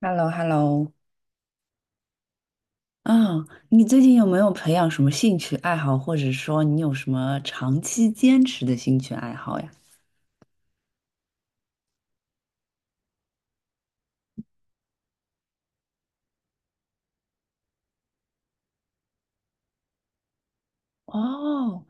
h e l l o h e l l o 啊，你最近有没有培养什么兴趣爱好，或者说你有什么长期坚持的兴趣爱好呀？哦，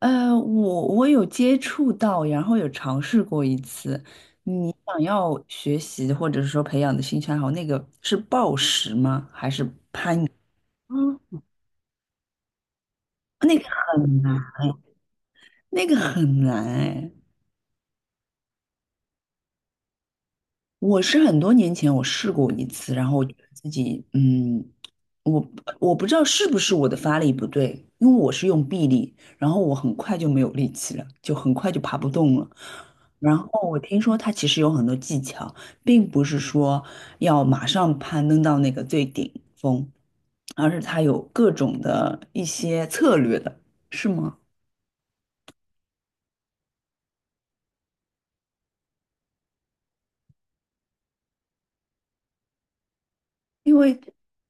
我有接触到，然后有尝试过一次。你想要学习或者说培养的兴趣爱好，那个是暴食吗？还是？嗯，那个很难，那个很难哎。我是很多年前我试过一次，然后我觉得自己，嗯，我我不知道是不是我的发力不对，因为我是用臂力，然后我很快就没有力气了，就很快就爬不动了。然后我听说它其实有很多技巧，并不是说要马上攀登到那个最顶峰，而是它有各种的一些策略的，是吗？因为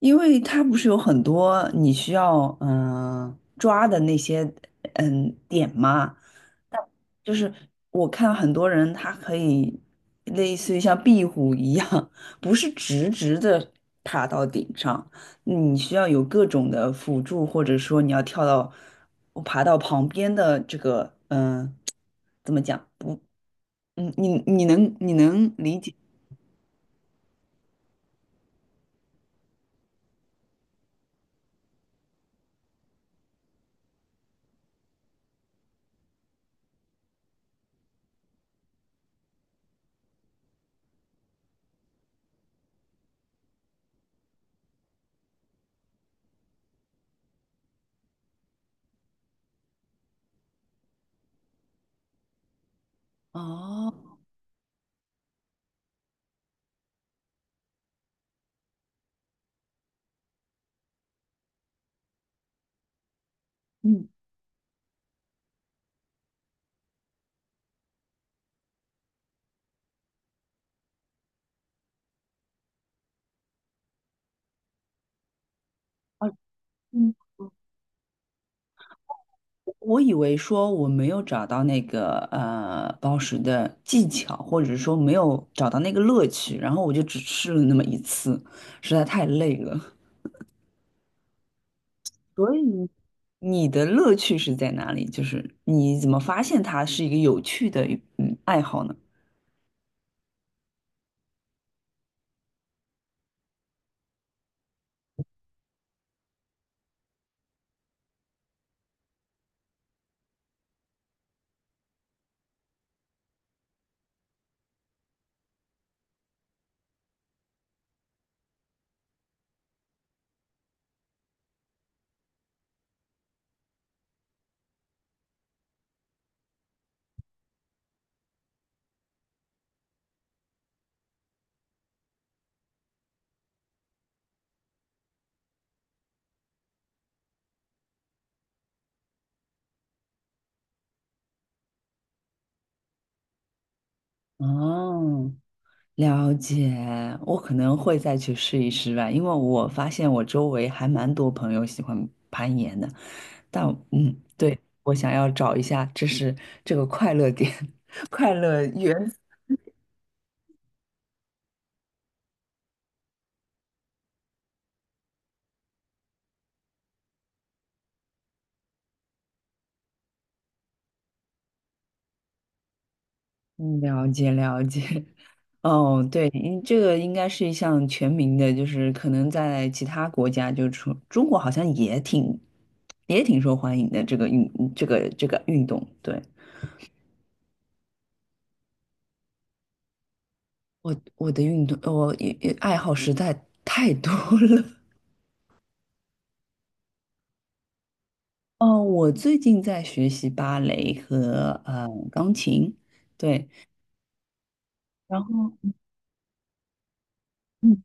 因为它不是有很多你需要抓的那些点嘛，但就是我看很多人他可以类似于像壁虎一样，不是直直的爬到顶上，你需要有各种的辅助，或者说你要跳到爬到旁边的这个怎么讲不你能理解哦嗯。哦，我以为说我没有找到那个暴食的技巧，或者说没有找到那个乐趣，然后我就只试了那么一次，实在太累了。所以你的乐趣是在哪里？就是你怎么发现它是一个有趣的爱好呢？哦，了解，我可能会再去试一试吧，因为我发现我周围还蛮多朋友喜欢攀岩的。但对，我想要找一下，这是这个快乐点，快乐源。嗯，了解了解。哦，对，这个应该是一项全民的，就是可能在其他国家，就除中国好像也挺受欢迎的这个运这个运动。对，我的运动，我也爱好实在太多了。哦，我最近在学习芭蕾和钢琴，对，然后。嗯。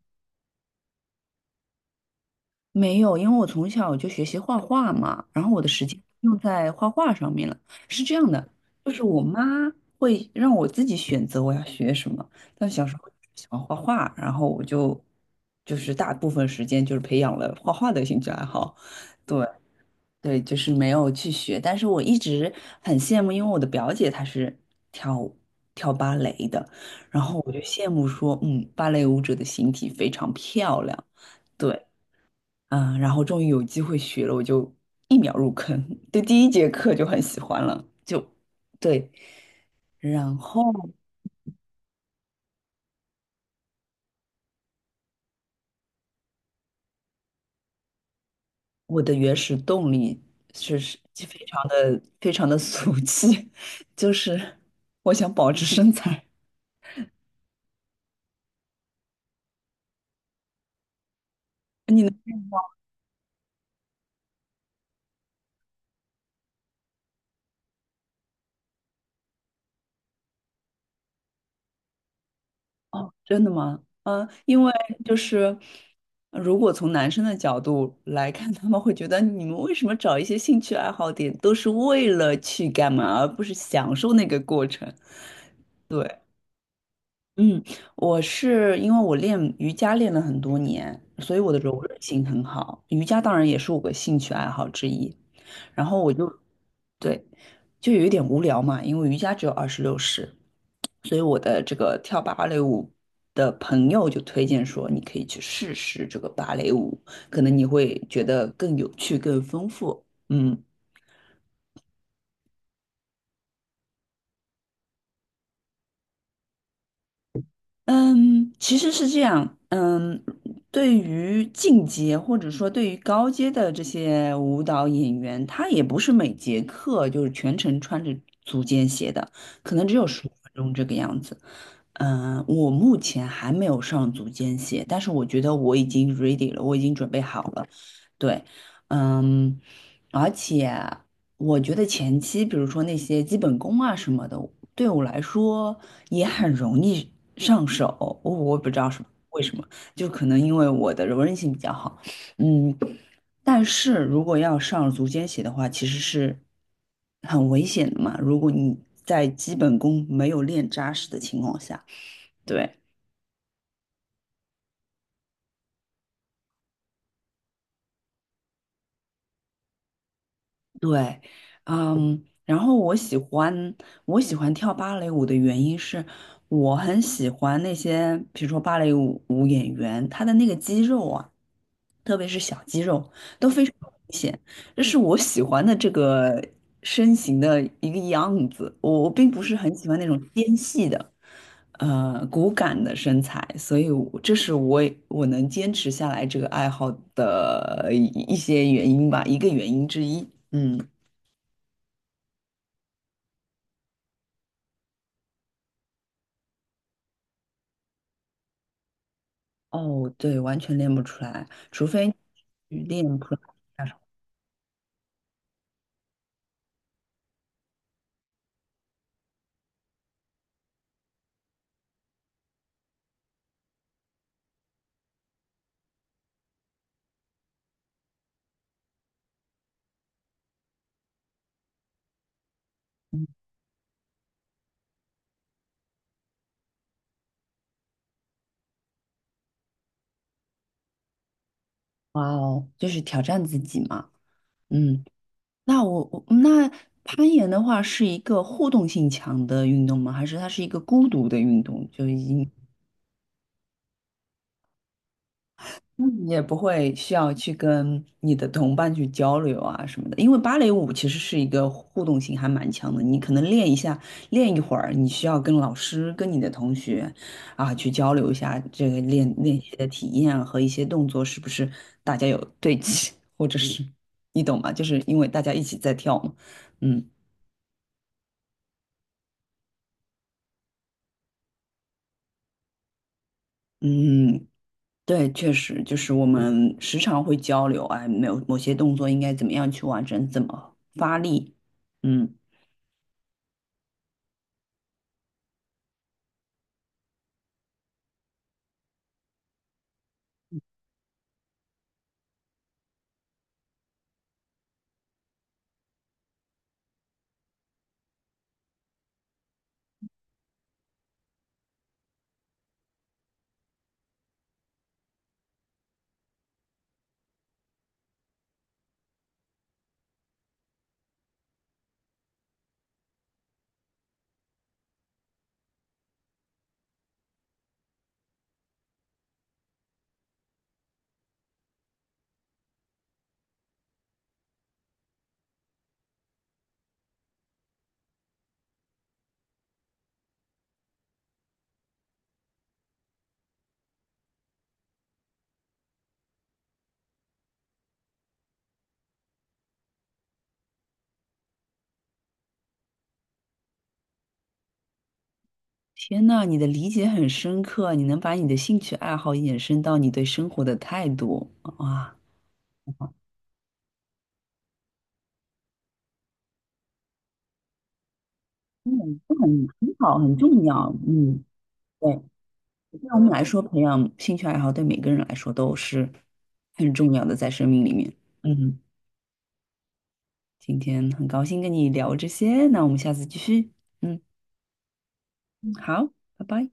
没有，因为我从小就学习画画嘛，然后我的时间用在画画上面了。是这样的，就是我妈会让我自己选择我要学什么，但小时候喜欢画画，然后就是大部分时间就是培养了画画的兴趣爱好。对对，就是没有去学，但是我一直很羡慕，因为我的表姐她是跳跳芭蕾的，然后我就羡慕说，嗯，芭蕾舞者的形体非常漂亮。对。嗯，然后终于有机会学了，我就一秒入坑，对第一节课就很喜欢了，就对。然后我的原始动力是非常的非常的俗气，就是我想保持身材。哦，真的吗？嗯，因为就是如果从男生的角度来看，他们会觉得你们为什么找一些兴趣爱好点都是为了去干嘛，而不是享受那个过程？对。嗯，我是因为我练瑜伽练了很多年，所以我的柔韧性很好。瑜伽当然也是我的兴趣爱好之一。然后我就，对，就有一点无聊嘛，因为瑜伽只有26式，所以我的这个跳芭蕾舞的朋友就推荐说，你可以去试试这个芭蕾舞，可能你会觉得更有趣、更丰富。嗯，嗯，其实是这样。嗯，对于进阶或者说对于高阶的这些舞蹈演员，他也不是每节课就是全程穿着足尖鞋的，可能只有15分钟这个样子。嗯，我目前还没有上足尖鞋，但是我觉得我已经 ready 了，我已经准备好了。对，嗯，而且我觉得前期，比如说那些基本功啊什么的。对我来说也很容易上手，我不知道为什么，就可能因为我的柔韧性比较好，嗯，但是如果要上足尖鞋的话，其实是很危险的嘛，如果你在基本功没有练扎实的情况下，对，对，嗯，然后我喜欢跳芭蕾舞的原因是，我很喜欢那些比如说芭蕾舞演员，他的那个肌肉啊，特别是小肌肉都非常明显。这是我喜欢的这个身形的一个样子。我并不是很喜欢那种纤细的，骨感的身材，所以我这是我能坚持下来这个爱好的一些原因吧，一个原因之一。嗯，哦，对，完全练不出来，除非去练普拉提啊什么哇哦，就是挑战自己嘛。嗯。那我我那攀岩的话是一个互动性强的运动吗？还是它是一个孤独的运动？就已经嗯你也不会需要去跟你的同伴去交流啊什么的。因为芭蕾舞其实是一个互动性还蛮强的，你可能练一下，练一会儿，你需要跟老师、跟你的同学啊去交流一下这个练习的体验啊和一些动作是不是大家有对齐，或者是你懂吗？就是因为大家一起在跳嘛，嗯。嗯，对，确实就是我们时常会交流，哎，没有某些动作应该怎么样去完成，怎么发力。嗯，天呐，你的理解很深刻，你能把你的兴趣爱好延伸到你对生活的态度，啊哇，嗯，这很好，很重要。嗯，对，对我们来说，培养兴趣爱好对每个人来说都是很重要的，在生命里面。嗯，今天很高兴跟你聊这些，那我们下次继续。嗯，好，拜拜。